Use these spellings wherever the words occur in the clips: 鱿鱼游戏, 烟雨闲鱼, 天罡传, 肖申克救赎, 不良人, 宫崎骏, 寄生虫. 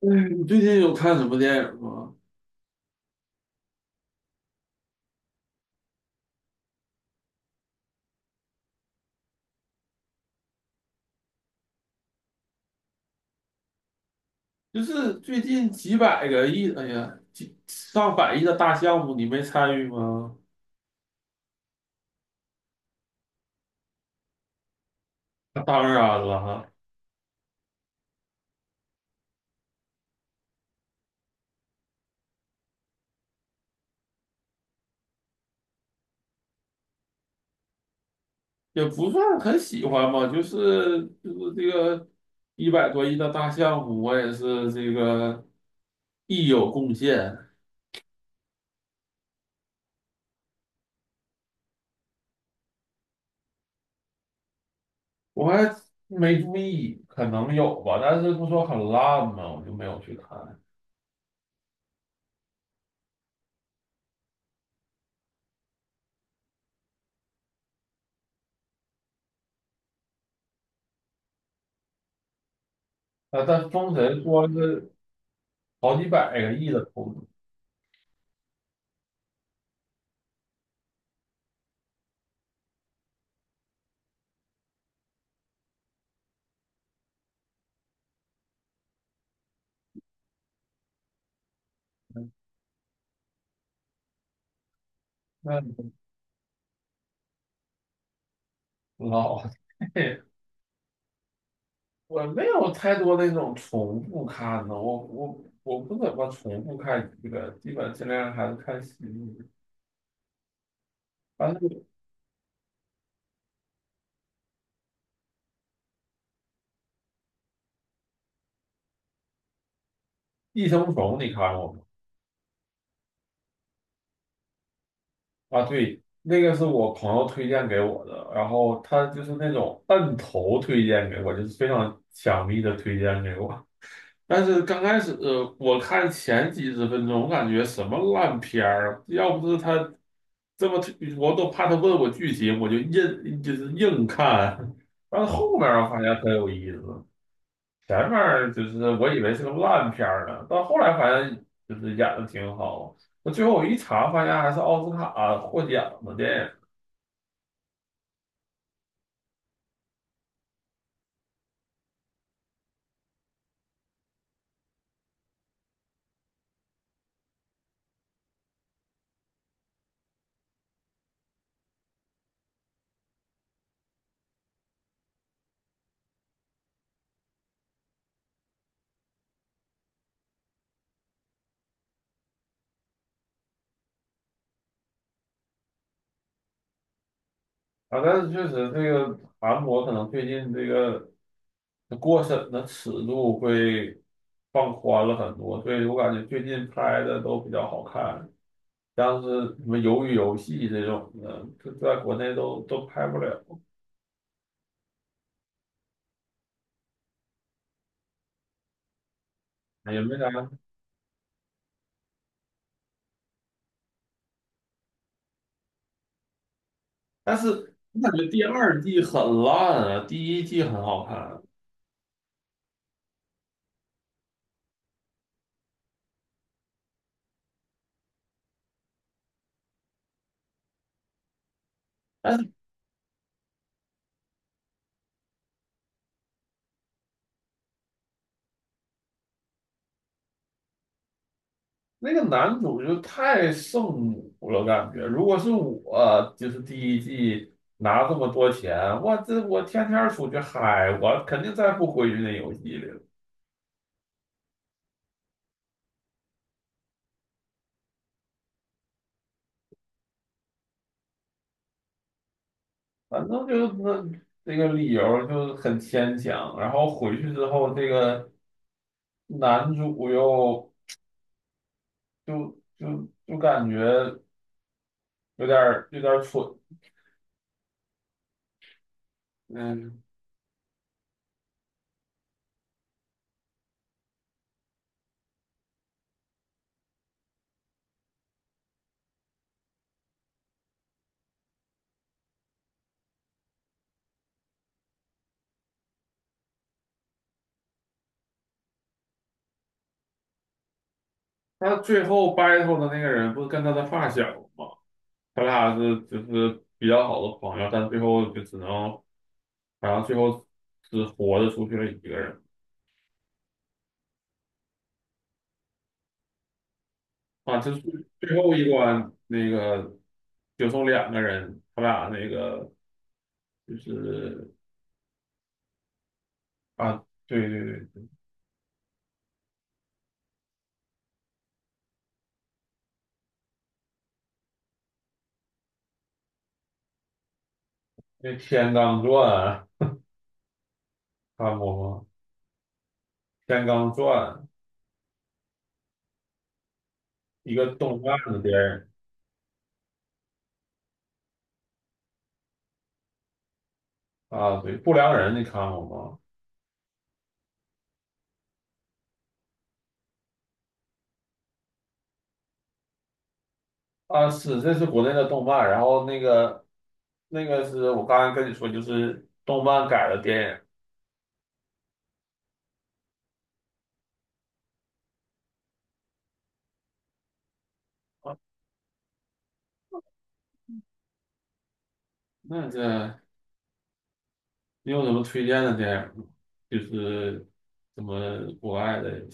嗯，你最近有看什么电影吗？就是最近几百个亿，哎呀，几上百亿的大项目，你没参与吗？那当然了，哈，也不算很喜欢吧，就是这个一百多亿的大项目，我也是这个一有贡献。我还没注意，可能有吧，但是不说很烂嘛，我就没有去看。啊，但封神说是好几百个亿的投资。那老 我没有太多的那种重复看的，我不怎么重复看这个，基本尽量还是看喜剧。但是《寄生虫》你看过吗？啊，对，那个是我朋友推荐给我的，然后他就是那种摁头推荐给我，就是非常强力的推荐给我。但是刚开始，我看前几十分钟，我感觉什么烂片儿啊，要不是他这么，我都怕他问我剧情，我就硬，硬看。但是后面儿我发现很有意思，前面儿就是我以为是个烂片儿呢，到后来发现就是演的挺好。那最后我一查，发现还是奥斯卡获奖的电影。啊，但是确实这个韩国可能最近这个，那过审的尺度会放宽了很多，所以我感觉最近拍的都比较好看，像是什么《鱿鱼游戏》这种的，这在国内都拍不了，也没啥。但是我感觉第二季很烂啊，第一季很好看，但是那个男主就太圣母了，感觉如果是我，就是第一季拿这么多钱，我这我天天出去嗨，我肯定再不回去那游戏里了。反正就是那，这个理由就很牵强。然后回去之后，这个男主又就感觉有点儿蠢。嗯，他最后 battle 的那个人不是跟他的发小吗？他俩是就是比较好的朋友，但最后就只能，然后最后只活着出去了一个人。啊，就是最后一关那个就剩两个人，他俩那个就是。啊，对对对，那《天罡传》看过吗？《天罡传》一个动漫的电影。啊，对，《不良人》你看过吗？啊，是，这是国内的动漫，然后那个是我刚才跟你说，就是动漫改的电影。啊，那这，你有什么推荐的电影吗？就是什么国外的？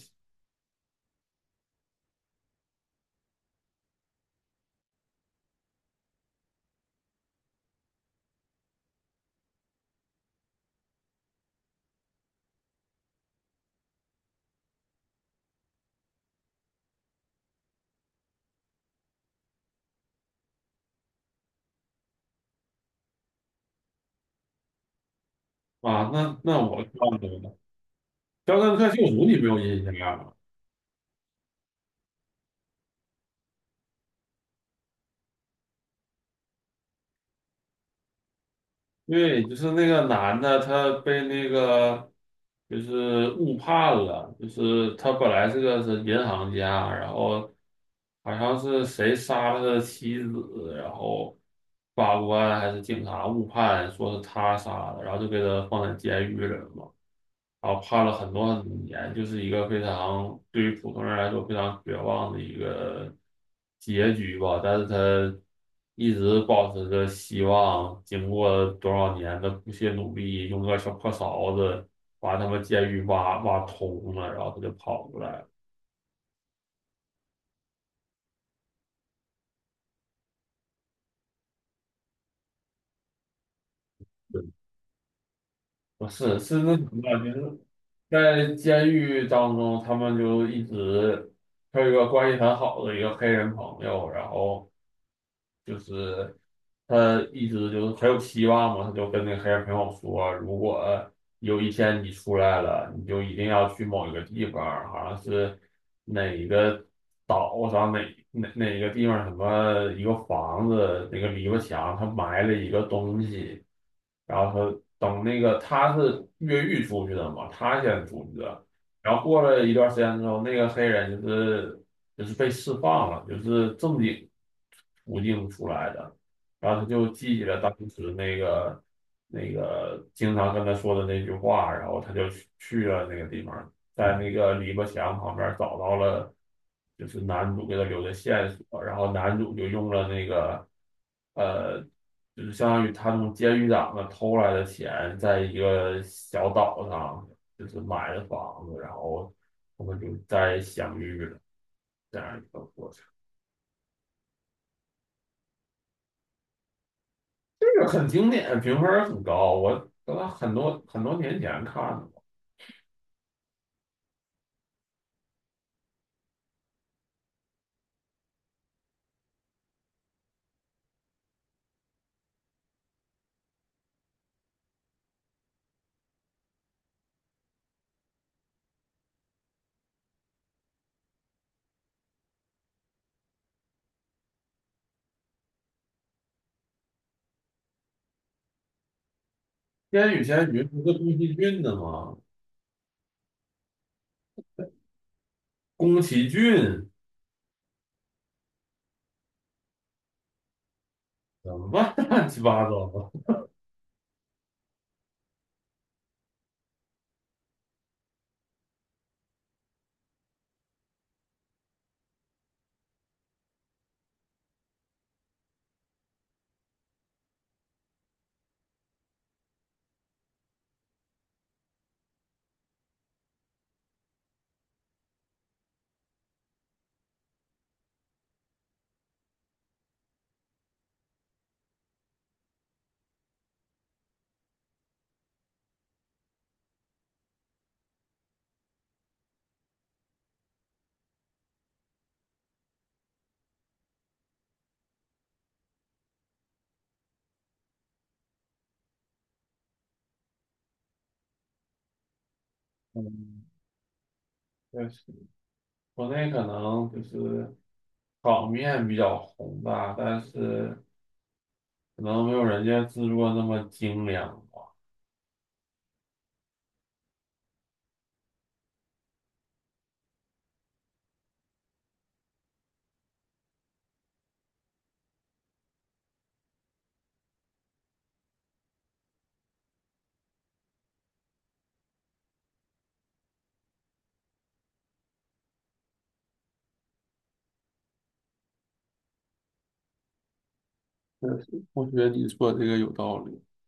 啊？那那我看过了。《肖申克救赎》你没有印象啊？对，就是那个男的，他被那个就是误判了，就是他本来是个是银行家，然后好像是谁杀了他的妻子，然后法官还是警察误判，说是他杀的，然后就给他放在监狱里了嘛。然后判了很多很多年，就是一个非常对于普通人来说非常绝望的一个结局吧。但是他一直保持着希望，经过多少年的不懈努力，用个小破勺子把他们监狱挖挖通了，然后他就跑出来了。不是，是那什么，就是在监狱当中，他们就一直，他有一个关系很好的一个黑人朋友，然后。就是他一直就是很有希望嘛，他就跟那个黑人朋友说，如果有一天你出来了，你就一定要去某一个地方，好像是哪一个岛上，哪哪个地方，什么一个房子那个篱笆墙，他埋了一个东西。然后他等那个，他是越狱出去的嘛，他先出去的。然后过了一段时间之后，那个黑人就是被释放了，就是正经途径出来的，然后他就记起了当时那个经常跟他说的那句话，然后他就去了那个地方，在那个篱笆墙旁边找到了就是男主给他留的线索，然后男主就用了那个，呃，就是相当于他从监狱长那偷来的钱，在一个小岛上就是买了房子，然后他们就再相遇了，这样一个过程。这个很经典，评分很高。我很多很多年前看的嘛。《烟雨闲鱼》不是宫崎骏的吗？宫崎骏怎么办乱七八糟的。嗯，确实，国内可能就是场面比较宏大，但是可能没有人家制作那么精良吧。确实，我觉得你说这个有道理。